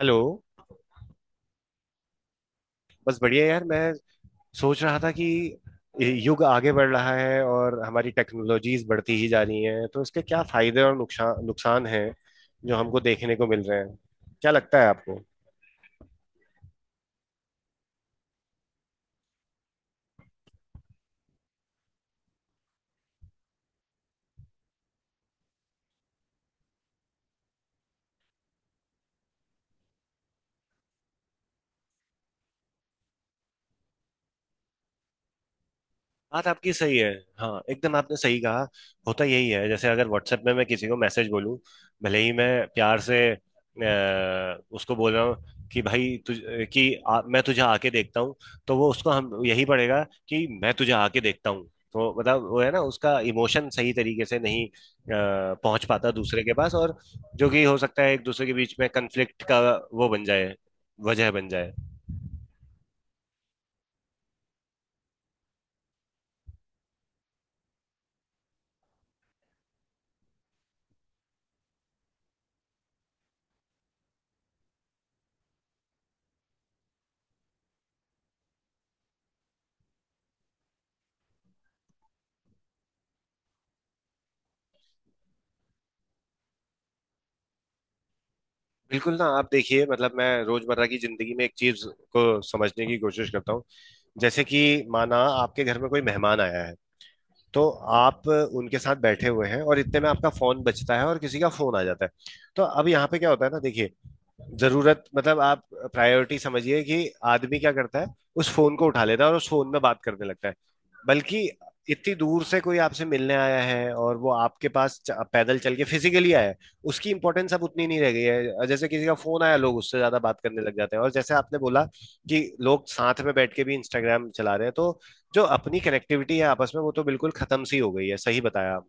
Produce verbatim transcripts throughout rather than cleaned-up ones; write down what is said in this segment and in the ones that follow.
Hello. बस बढ़िया यार। मैं सोच रहा था कि युग आगे बढ़ रहा है और हमारी टेक्नोलॉजीज बढ़ती ही जा रही हैं, तो इसके क्या फायदे और नुकसान नुकसान हैं जो हमको देखने को मिल रहे हैं। क्या लगता है आपको? बात आपकी सही है। हाँ, एकदम आपने सही कहा। होता यही है, जैसे अगर व्हाट्सएप में मैं किसी को मैसेज बोलूं, भले ही मैं प्यार से अ, उसको बोल रहा हूँ कि भाई तुझ कि आ, मैं तुझे आके देखता हूँ, तो वो उसको हम यही पड़ेगा कि मैं तुझे आके देखता हूँ। तो मतलब वो है ना, उसका इमोशन सही तरीके से नहीं अ, पहुंच पाता दूसरे के पास। और जो कि हो सकता है एक दूसरे के बीच में कन्फ्लिक्ट का वो बन जाए वजह बन जाए। बिल्कुल ना, आप देखिए, मतलब मैं रोजमर्रा की जिंदगी में एक चीज को समझने की कोशिश करता हूँ। जैसे कि माना आपके घर में कोई मेहमान आया है, तो आप उनके साथ बैठे हुए हैं और इतने में आपका फोन बजता है और किसी का फोन आ जाता है। तो अब यहाँ पे क्या होता है ना, देखिए, जरूरत मतलब आप प्रायोरिटी समझिए कि आदमी क्या करता है, उस फोन को उठा लेता है और उस फोन में बात करने लगता है। बल्कि इतनी दूर से कोई आपसे मिलने आया है और वो आपके पास च- पैदल चल के फिजिकली आया है। उसकी इंपॉर्टेंस अब उतनी नहीं रह गई है, जैसे किसी का फोन आया, लोग उससे ज्यादा बात करने लग जाते हैं। और जैसे आपने बोला कि लोग साथ में बैठ के भी इंस्टाग्राम चला रहे हैं, तो जो अपनी कनेक्टिविटी है आपस में, वो तो बिल्कुल खत्म सी हो गई है। सही बताया आप।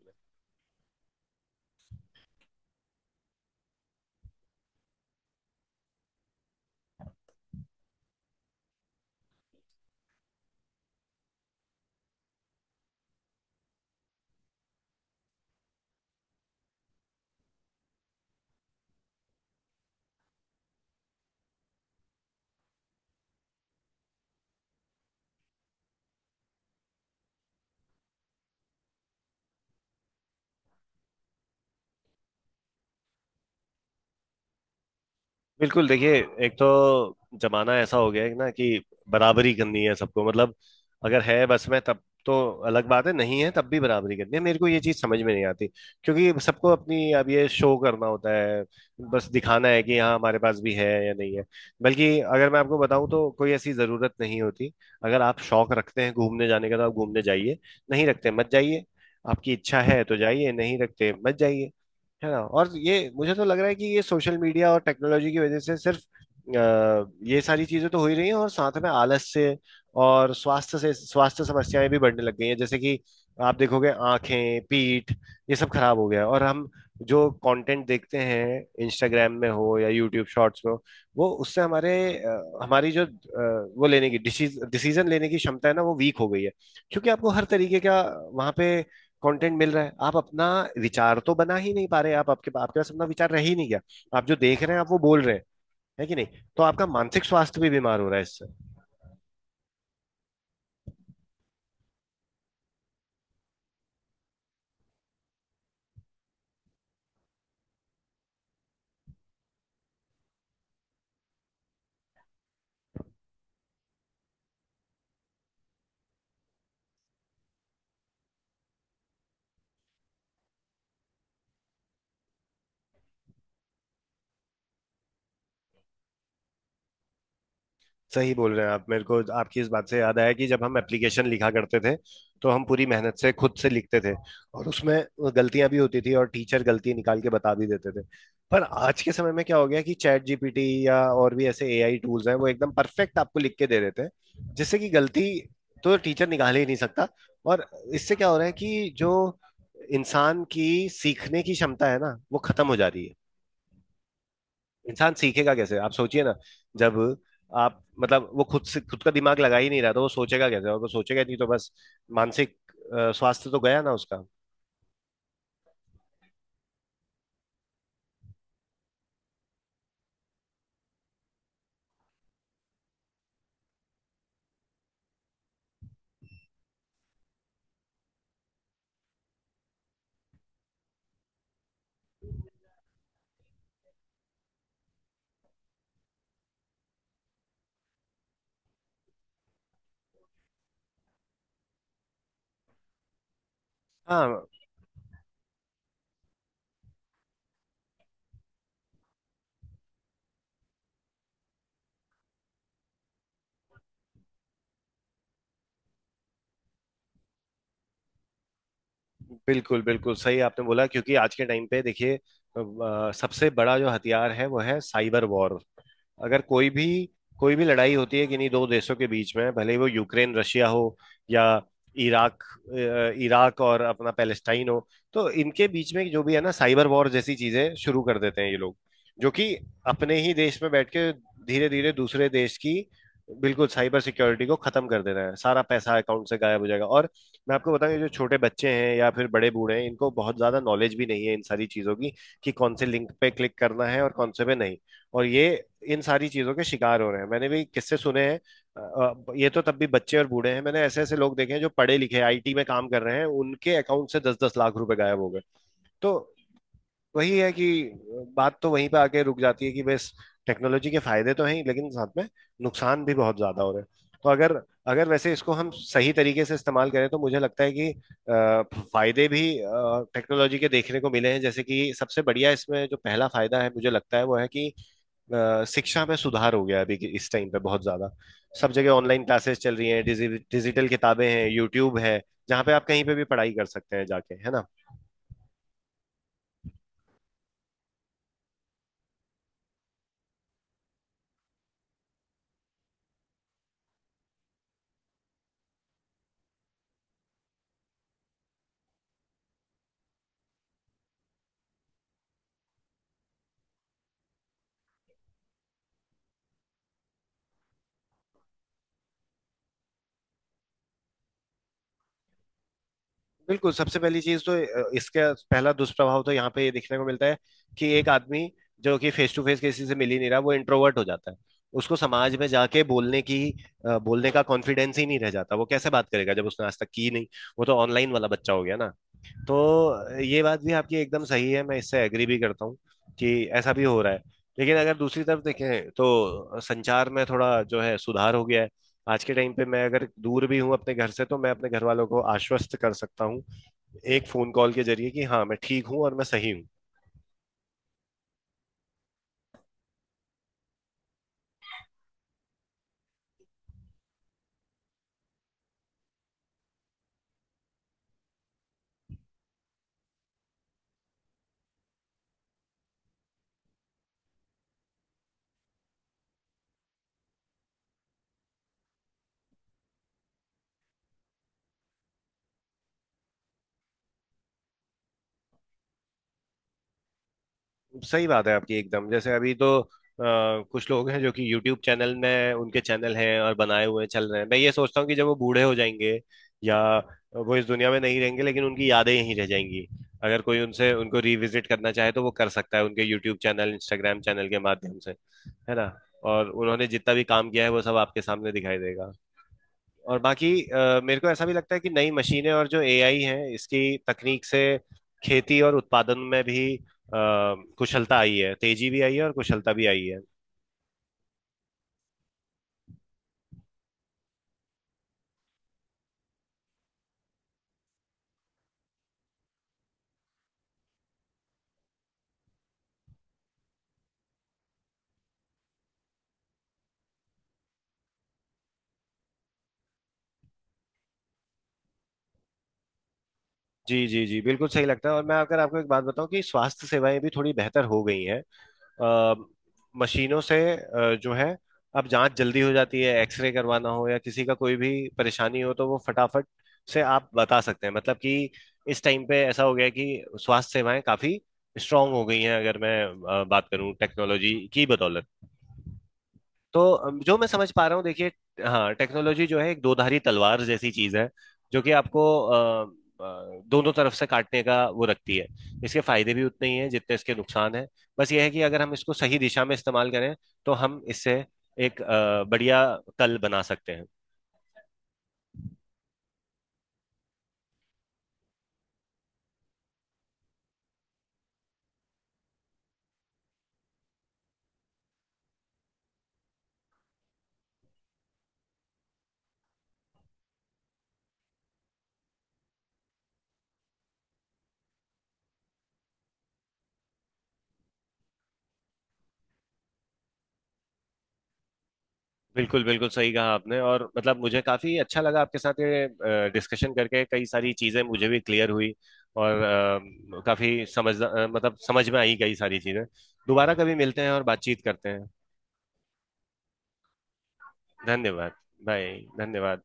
बिल्कुल, देखिए, एक तो जमाना ऐसा हो गया है ना कि बराबरी करनी है सबको। मतलब अगर है बस में तब तो अलग बात है, नहीं है तब भी बराबरी करनी है। मेरे को ये चीज समझ में नहीं आती, क्योंकि सबको अपनी अब ये शो करना होता है, बस दिखाना है कि हाँ हमारे पास भी है या नहीं है। बल्कि अगर मैं आपको बताऊं तो कोई ऐसी जरूरत नहीं होती। अगर आप शौक रखते हैं घूमने जाने का तो आप घूमने जाइए, नहीं रखते मत जाइए। आपकी इच्छा है तो जाइए, नहीं रखते मत जाइए। है ना? और ये मुझे तो लग रहा है कि ये सोशल मीडिया और टेक्नोलॉजी की वजह से सिर्फ अ, ये सारी चीजें तो हो ही रही हैं, और साथ में आलस से और स्वास्थ्य से स्वास्थ्य समस्याएं भी बढ़ने लग गई हैं। जैसे कि आप देखोगे आंखें, पीठ, ये सब खराब हो गया है। और हम जो कंटेंट देखते हैं, इंस्टाग्राम में हो या यूट्यूब शॉर्ट्स में हो, वो उससे हमारे अ, हमारी जो अ, वो लेने की डिसीजन लेने की क्षमता है ना, वो वीक हो गई है। क्योंकि आपको हर तरीके का वहां पे कंटेंट मिल रहा है। आप अपना विचार तो बना ही नहीं पा रहे। आप आपके आपके पास अपना विचार रह ही नहीं गया। आप जो देख रहे हैं आप वो बोल रहे हैं, है कि नहीं? तो आपका मानसिक स्वास्थ्य भी बीमार हो रहा है इससे। सही बोल रहे हैं आप। मेरे को आपकी इस बात से याद आया कि जब हम एप्लीकेशन लिखा करते थे, तो हम पूरी मेहनत से खुद से लिखते थे, और उसमें गलतियां भी होती थी और टीचर गलती निकाल के बता भी देते थे। पर आज के समय में क्या हो गया कि चैट जीपीटी या और भी ऐसे एआई टूल्स हैं, वो एकदम परफेक्ट आपको लिख के दे देते हैं, जिससे कि गलती तो टीचर निकाल ही नहीं सकता। और इससे क्या हो रहा है कि जो इंसान की सीखने की क्षमता है ना, वो खत्म हो जा रही है। इंसान सीखेगा कैसे? आप सोचिए ना, जब आप मतलब वो खुद से खुद का दिमाग लगा ही नहीं रहा, तो वो सोचेगा कैसे? और वो सोचेगा नहीं तो बस मानसिक अ, स्वास्थ्य तो गया ना उसका। हाँ, बिल्कुल बिल्कुल सही आपने बोला, क्योंकि आज के टाइम पे देखिए, अ, सबसे बड़ा जो हथियार है वो है साइबर वॉर। अगर कोई भी कोई भी लड़ाई होती है किन्हीं दो देशों के बीच में, भले ही वो यूक्रेन रशिया हो या इराक अ, इराक और अपना पैलेस्टाइन हो, तो इनके बीच में जो भी है ना, साइबर वॉर जैसी चीजें शुरू कर देते हैं ये लोग, जो कि अपने ही देश में बैठ के धीरे धीरे दूसरे देश की बिल्कुल साइबर सिक्योरिटी को खत्म कर देना है। सारा पैसा अकाउंट से गायब हो जाएगा। और मैं आपको बताऊं, ये जो छोटे बच्चे हैं या फिर बड़े बूढ़े हैं, इनको बहुत ज्यादा नॉलेज भी नहीं है इन सारी चीजों की, कि कौन से लिंक पे क्लिक करना है और कौन से पे नहीं। और ये इन सारी चीजों के शिकार हो रहे हैं। मैंने भी किस्से सुने हैं। अ, अ, ये तो तब भी बच्चे और बूढ़े हैं, मैंने ऐसे ऐसे लोग देखे हैं जो पढ़े लिखे आईटी में काम कर रहे हैं, उनके अकाउंट से दस दस लाख रुपए गायब हो गए। तो वही है कि बात तो वहीं पे आके रुक जाती है कि बस टेक्नोलॉजी के फायदे तो हैं ही, लेकिन साथ में नुकसान भी बहुत ज्यादा हो रहे हैं। तो अगर अगर वैसे इसको हम सही तरीके से इस्तेमाल करें, तो मुझे लगता है कि अ, फायदे भी टेक्नोलॉजी के देखने को मिले हैं। जैसे कि सबसे बढ़िया इसमें जो पहला फायदा है मुझे लगता है वो है कि अ, शिक्षा में सुधार हो गया है। अभी के- इस टाइम पे बहुत ज्यादा सब जगह ऑनलाइन क्लासेस चल रही हैं, डिजि, डिजिटल किताबें हैं, यूट्यूब है, जहाँ पे आप कहीं पे भी पढ़ाई कर सकते हैं जाके। है ना? बिल्कुल, सबसे पहली चीज तो अ, इसका पहला दुष्प्रभाव तो यहाँ पे ये देखने को मिलता है कि एक आदमी जो कि फेस टू फेस किसी से मिल ही नहीं रहा, वो इंट्रोवर्ट हो जाता है। उसको समाज में जाके बोलने की अ, बोलने का कॉन्फिडेंस ही नहीं रह जाता। वो कैसे बात करेगा जब उसने आज तक की नहीं? वो तो ऑनलाइन वाला बच्चा हो गया ना। तो ये बात भी आपकी एकदम सही है, मैं इससे एग्री भी करता हूँ कि ऐसा भी हो रहा है। लेकिन अगर दूसरी तरफ देखें तो संचार में थोड़ा जो है सुधार हो गया है। आज के टाइम पे मैं अगर दूर भी हूँ अपने घर से, तो मैं अपने घर वालों को आश्वस्त कर सकता हूँ एक फोन कॉल के जरिए, कि हाँ मैं ठीक हूँ और मैं सही हूँ। सही बात है आपकी एकदम। जैसे अभी तो आ, कुछ लोग हैं जो कि यूट्यूब चैनल में उनके चैनल हैं और बनाए हुए चल रहे हैं। मैं ये सोचता हूँ कि जब वो बूढ़े हो जाएंगे या वो इस दुनिया में नहीं रहेंगे, लेकिन उनकी यादें यहीं रह जाएंगी। अगर कोई उनसे उनको रिविजिट करना चाहे, तो वो कर सकता है उनके यूट्यूब चैनल इंस्टाग्राम चैनल के माध्यम से। है ना? और उन्होंने जितना भी काम किया है वो सब आपके सामने दिखाई देगा। और बाकी अ, मेरे को ऐसा भी लगता है कि नई मशीनें और जो एआई है इसकी तकनीक से खेती और उत्पादन में भी अ, कुशलता आई है, तेजी भी आई है और कुशलता भी आई है। जी जी जी, बिल्कुल सही लगता है। और मैं अगर आपको एक बात बताऊं कि स्वास्थ्य सेवाएं भी थोड़ी बेहतर हो गई हैं। अ, मशीनों से अ, जो है अब जांच जल्दी हो जाती है, एक्सरे करवाना हो या किसी का कोई भी परेशानी हो तो वो फटाफट से आप बता सकते हैं। मतलब कि इस टाइम पे ऐसा हो गया है कि स्वास्थ्य सेवाएं काफी स्ट्रांग हो गई हैं, अगर मैं अ, बात करूं टेक्नोलॉजी की बदौलत। तो अम, जो मैं समझ पा रहा हूँ देखिए, हाँ, टेक्नोलॉजी जो है एक दोधारी तलवार जैसी चीज है, जो कि आपको अ, अ, दोनों तरफ से काटने का वो रखती है। इसके फायदे भी उतने ही हैं जितने इसके नुकसान हैं। बस यह है कि अगर हम इसको सही दिशा में इस्तेमाल करें, तो हम इससे एक अ, बढ़िया कल बना सकते हैं। बिल्कुल बिल्कुल सही कहा आपने, और मतलब मुझे काफी अच्छा लगा आपके साथ ये डिस्कशन करके। कई सारी चीजें मुझे भी क्लियर हुई, और अ, काफी समझ अ, मतलब, समझ में आई कई सारी चीजें। दोबारा कभी मिलते हैं और बातचीत करते हैं। धन्यवाद। भाई धन्यवाद।